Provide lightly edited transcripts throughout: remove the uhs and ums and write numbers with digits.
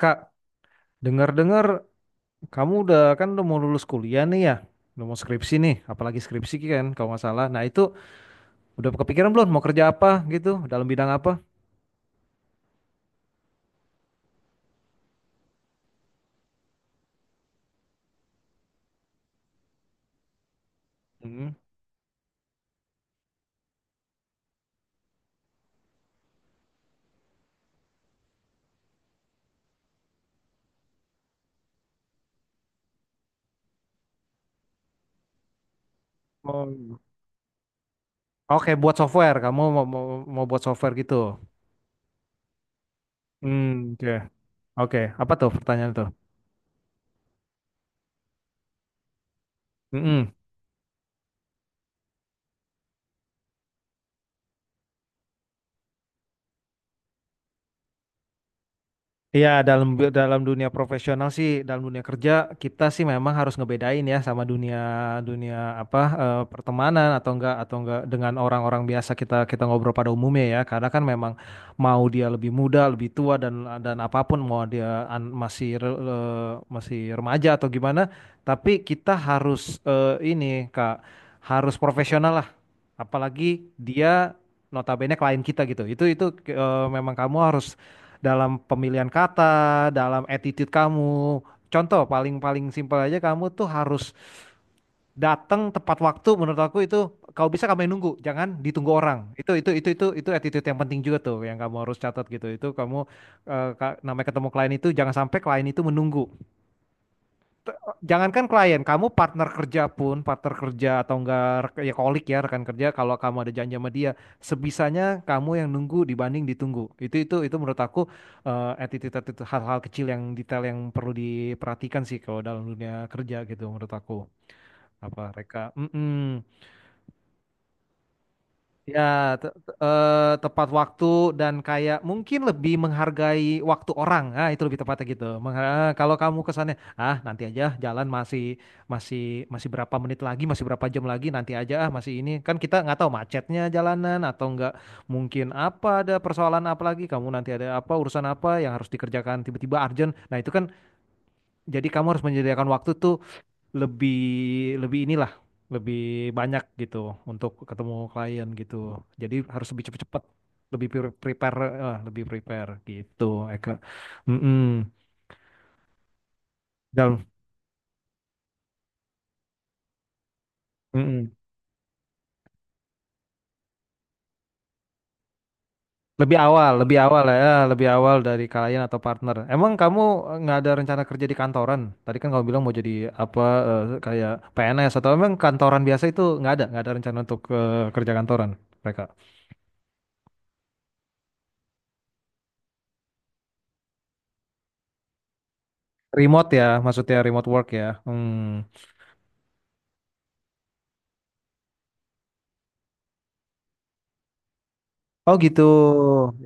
Kak, dengar-dengar kamu udah kan udah mau lulus kuliah nih ya, udah mau skripsi nih, apalagi skripsi kan kalau nggak salah. Nah itu udah kepikiran belum mau kerja apa gitu, dalam bidang apa? Hmm. Oh. Oke, buat software. Kamu mau buat software gitu. Hmm, oke. Oke, apa tuh pertanyaan tuh? Mm-mm. Iya, dalam dalam dunia profesional sih, dalam dunia kerja kita sih memang harus ngebedain ya sama dunia dunia apa eh, pertemanan atau enggak dengan orang-orang biasa kita kita ngobrol pada umumnya ya. Karena kan memang mau dia lebih muda, lebih tua dan apapun mau dia masih remaja atau gimana, tapi kita harus ini Kak harus profesional lah. Apalagi dia notabene klien kita gitu. Memang kamu harus dalam pemilihan kata, dalam attitude kamu. Contoh paling-paling simpel aja kamu tuh harus datang tepat waktu, menurut aku itu kalau bisa kamu yang nunggu, jangan ditunggu orang. Itu attitude yang penting juga tuh yang kamu harus catat gitu. Itu kamu namanya ketemu klien itu jangan sampai klien itu menunggu. T- Jangankan klien, kamu partner kerja pun, partner kerja atau enggak, rek- ya kolik ya rekan kerja, kalau kamu ada janji sama dia, sebisanya kamu yang nunggu dibanding ditunggu. Itu menurut aku attitude, hal-hal kecil yang detail yang perlu diperhatikan sih kalau dalam dunia kerja gitu menurut aku. Apa mereka? Ya, tepat waktu dan kayak mungkin lebih menghargai waktu orang. Ah, itu lebih tepatnya gitu. Kalau kamu kesannya, ah nanti aja jalan masih masih masih berapa menit lagi, masih berapa jam lagi, nanti aja ah masih ini. Kan kita nggak tahu macetnya jalanan atau nggak, mungkin apa ada persoalan apa lagi, kamu nanti ada apa urusan apa yang harus dikerjakan tiba-tiba urgent. Nah, itu kan jadi kamu harus menyediakan waktu tuh lebih lebih inilah lebih banyak gitu untuk ketemu klien gitu. Jadi harus lebih cepet-cepet, prepare, lebih prepare gitu. Eka. Mm-mm. Dan mm-mm. Lebih awal ya, lebih awal dari klien atau partner. Emang kamu nggak ada rencana kerja di kantoran? Tadi kan kamu bilang mau jadi apa kayak PNS atau emang kantoran biasa itu nggak ada rencana untuk kerja kantoran mereka. Remote ya, maksudnya remote work ya. Hmm. Oh gitu.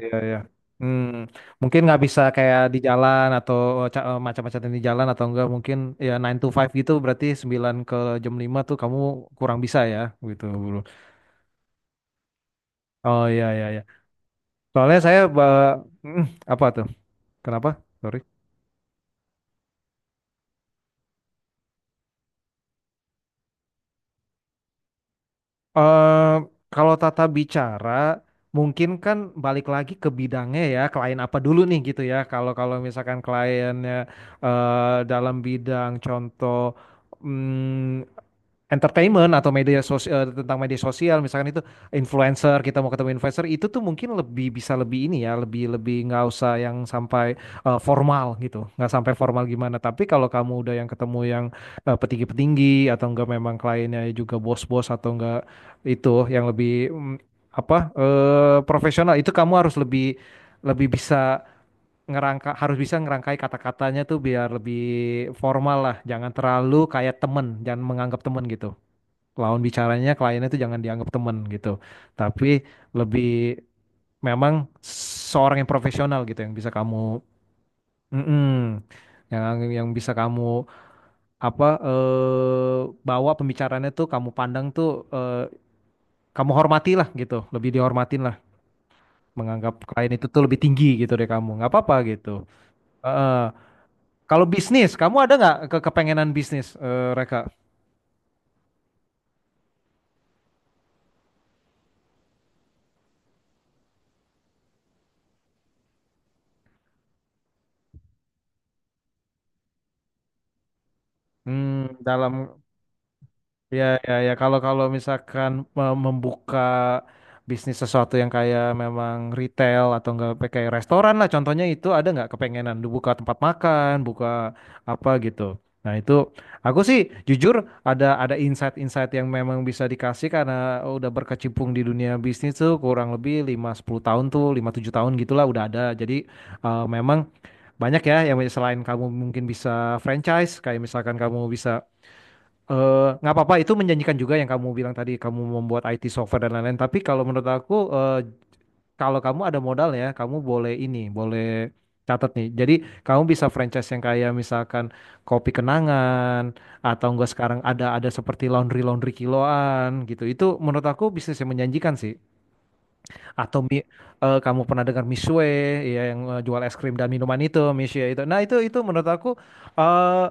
Iya ya. Hmm, mungkin nggak bisa kayak di jalan atau macam-macam yang di jalan atau enggak, mungkin ya nine to five gitu berarti 9 ke jam 5 tuh kamu kurang bisa ya gitu bro. Oh iya iya iya. Soalnya saya ba- Mm, apa tuh? Kenapa? Sorry. eh Kalau tata bicara mungkin kan balik lagi ke bidangnya ya, klien apa dulu nih gitu ya. Kalau kalau misalkan kliennya dalam bidang contoh hmm, entertainment atau media sosial, tentang media sosial misalkan itu influencer, kita mau ketemu influencer itu tuh mungkin lebih bisa lebih ini ya lebih lebih nggak usah yang sampai formal gitu, nggak sampai formal gimana. Tapi kalau kamu udah yang ketemu yang petinggi-petinggi atau enggak memang kliennya juga bos-bos atau enggak, itu yang lebih profesional, itu kamu harus lebih lebih bisa harus bisa ngerangkai kata-katanya tuh biar lebih formal lah, jangan terlalu kayak temen, jangan menganggap temen gitu, lawan bicaranya kliennya itu jangan dianggap teman gitu, tapi lebih memang seorang yang profesional gitu yang bisa kamu mm-mm, yang yang bisa kamu apa eh, bawa. Pembicaranya tuh kamu pandang tuh eh, kamu hormati lah gitu, lebih dihormatin lah, menganggap klien itu tuh lebih tinggi gitu dari kamu nggak apa-apa gitu. Heeh. Kalau bisnis kamu ada nggak ke kepengenan bisnis Reka? Hmm, dalam Ya, ya, ya. Kalau kalau misalkan membuka bisnis sesuatu yang kayak memang retail atau enggak kayak restoran lah, contohnya itu ada nggak kepengenan buka tempat makan, buka apa gitu. Nah itu aku sih jujur ada insight-insight yang memang bisa dikasih karena udah berkecimpung di dunia bisnis tuh kurang lebih lima sepuluh tahun tuh lima tujuh tahun gitulah udah ada. Jadi memang banyak ya, yang selain kamu mungkin bisa franchise kayak misalkan kamu bisa. Eh, nggak apa-apa, itu menjanjikan juga yang kamu bilang tadi kamu membuat IT software dan lain-lain. Tapi kalau menurut aku kalau kamu ada modal ya, kamu boleh ini, boleh catat nih. Jadi kamu bisa franchise yang kayak misalkan kopi kenangan atau enggak sekarang ada seperti laundry laundry kiloan gitu, itu menurut aku bisnis yang menjanjikan sih. Atau, kamu pernah dengar Misue, ya yang jual es krim dan minuman itu, Misue itu. Nah itu menurut aku eh,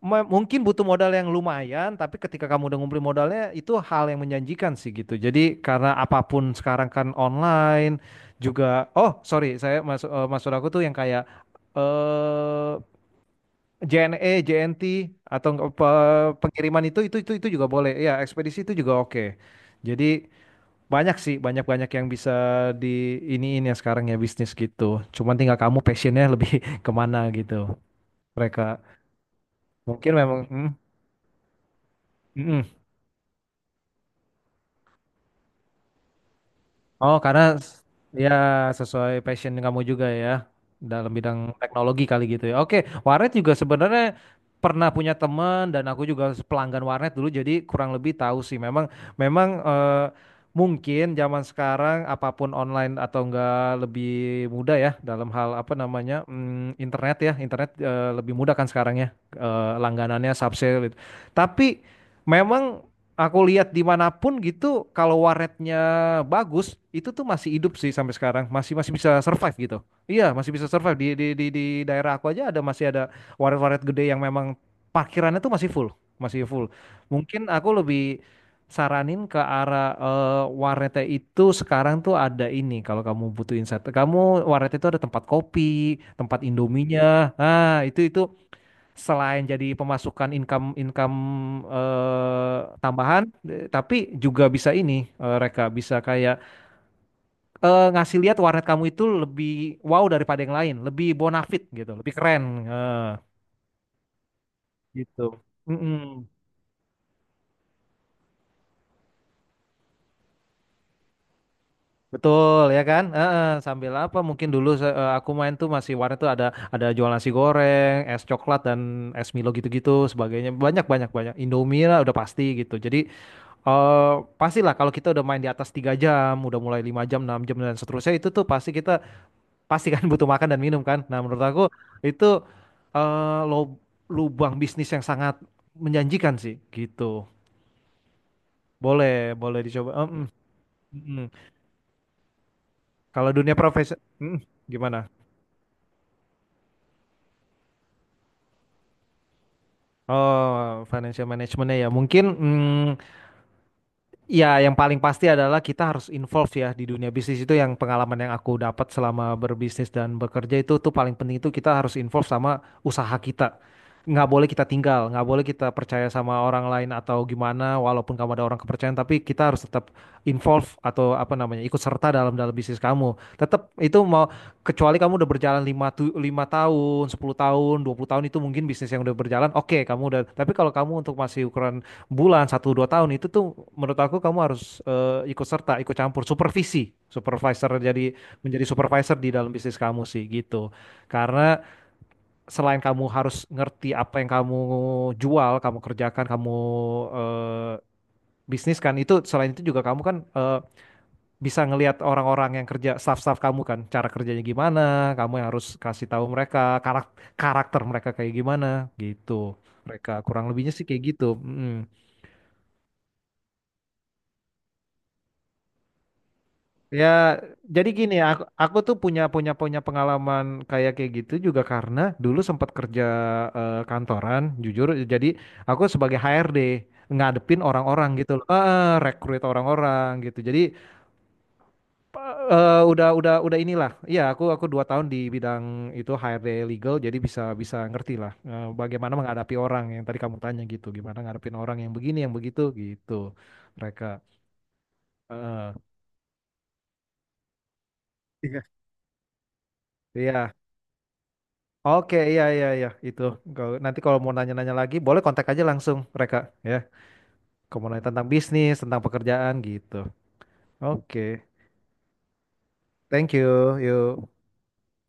mungkin butuh modal yang lumayan, tapi ketika kamu udah ngumpulin modalnya itu hal yang menjanjikan sih gitu. Jadi karena apapun sekarang kan online juga. Oh sorry, saya masuk maksud aku tuh yang kayak eh JNE, JNT atau nggak, pengiriman, itu juga boleh. Ya ekspedisi itu juga oke. Jadi banyak sih, banyak-banyak yang bisa di iniin ya sekarang ya bisnis gitu. Cuman tinggal kamu passionnya lebih kemana gitu. Mereka mungkin memang, hmm, mm, oh, karena ya sesuai passion kamu juga ya dalam bidang teknologi kali gitu ya. Oke, warnet juga sebenarnya pernah punya teman dan aku juga pelanggan warnet dulu, jadi kurang lebih tahu sih. Memang memang eh, mungkin zaman sekarang apapun online atau enggak lebih mudah ya dalam hal apa namanya mm, internet ya. Internet lebih mudah kan sekarang ya langganannya subsale itu. Tapi memang, aku lihat dimanapun gitu, kalau warnetnya bagus, itu tuh masih hidup sih sampai sekarang, masih masih bisa survive gitu. Iya, masih bisa survive di di daerah aku aja ada, masih ada warnet-warnet gede yang memang parkirannya tuh masih full, masih full. Mungkin aku lebih saranin ke arah warnetnya itu sekarang tuh ada ini kalau kamu butuh insight. Kamu, warnet itu ada tempat kopi, tempat Indominya. Nah, itu selain jadi pemasukan income income eh, tambahan, tapi juga bisa ini Reka bisa kayak ngasih lihat warnet kamu itu lebih wow daripada yang lain, lebih bonafit gitu, lebih keren eh, gitu. Mm-mm. Betul ya kan? Heeh, sambil apa? Mungkin dulu aku main tuh masih warnet tuh ada jual nasi goreng, es coklat dan es Milo gitu-gitu sebagainya. Banyak banyak banyak. Indomie lah udah pasti gitu. Jadi Eh pastilah kalau kita udah main di atas 3 jam, udah mulai 5 jam, 6 jam dan seterusnya itu tuh pasti kita pasti kan butuh makan dan minum kan. Nah, menurut aku itu eh lo- lubang bisnis yang sangat menjanjikan sih gitu. Boleh, boleh dicoba. Eh, mm, mm. mm. Kalau dunia profesi mm, gimana? Oh, financial managementnya ya mungkin mm, ya, yang paling pasti adalah kita harus involve ya di dunia bisnis itu. Yang pengalaman yang aku dapat selama berbisnis dan bekerja itu tuh paling penting itu kita harus involve sama usaha kita. Nggak boleh kita tinggal, nggak boleh kita percaya sama orang lain atau gimana, walaupun kamu ada orang kepercayaan tapi kita harus tetap involve atau apa namanya, ikut serta dalam dalam bisnis kamu. Tetap itu mau, kecuali kamu udah berjalan 5 lima tahun, 10 tahun, 20 tahun, itu mungkin bisnis yang udah berjalan, oke kamu udah. Tapi kalau kamu untuk masih ukuran bulan satu dua tahun itu tuh menurut aku kamu harus ikut serta, ikut campur, supervisi, supervisor, jadi menjadi supervisor di dalam bisnis kamu sih gitu. Karena selain kamu harus ngerti apa yang kamu jual, kamu kerjakan, kamu eh, bisnis kan itu, selain itu juga kamu kan bisa ngelihat orang-orang yang kerja, staff-staff kamu kan cara kerjanya gimana, kamu yang harus kasih tahu mereka karakter mereka kayak gimana gitu mereka kurang lebihnya sih kayak gitu. Mm. Ya, jadi gini ya, aku tuh punya punya punya pengalaman kayak kayak gitu juga, karena dulu sempat kerja kantoran, jujur. Jadi aku sebagai HRD ngadepin orang-orang gitu loh. Eh, rekrut orang-orang gitu. Jadi udah inilah. Iya, aku dua tahun di bidang itu, HRD legal, jadi bisa bisa ngerti lah bagaimana menghadapi orang yang tadi kamu tanya gitu, gimana ngadepin orang yang begini yang begitu gitu mereka. Eh, iya. Iya, oke, iya iya iya itu. Kalau- Nanti kalau mau nanya-nanya lagi, boleh kontak aja langsung mereka ya. Kalau mau nanya tentang bisnis, tentang pekerjaan gitu. Oke, thank you, yuk.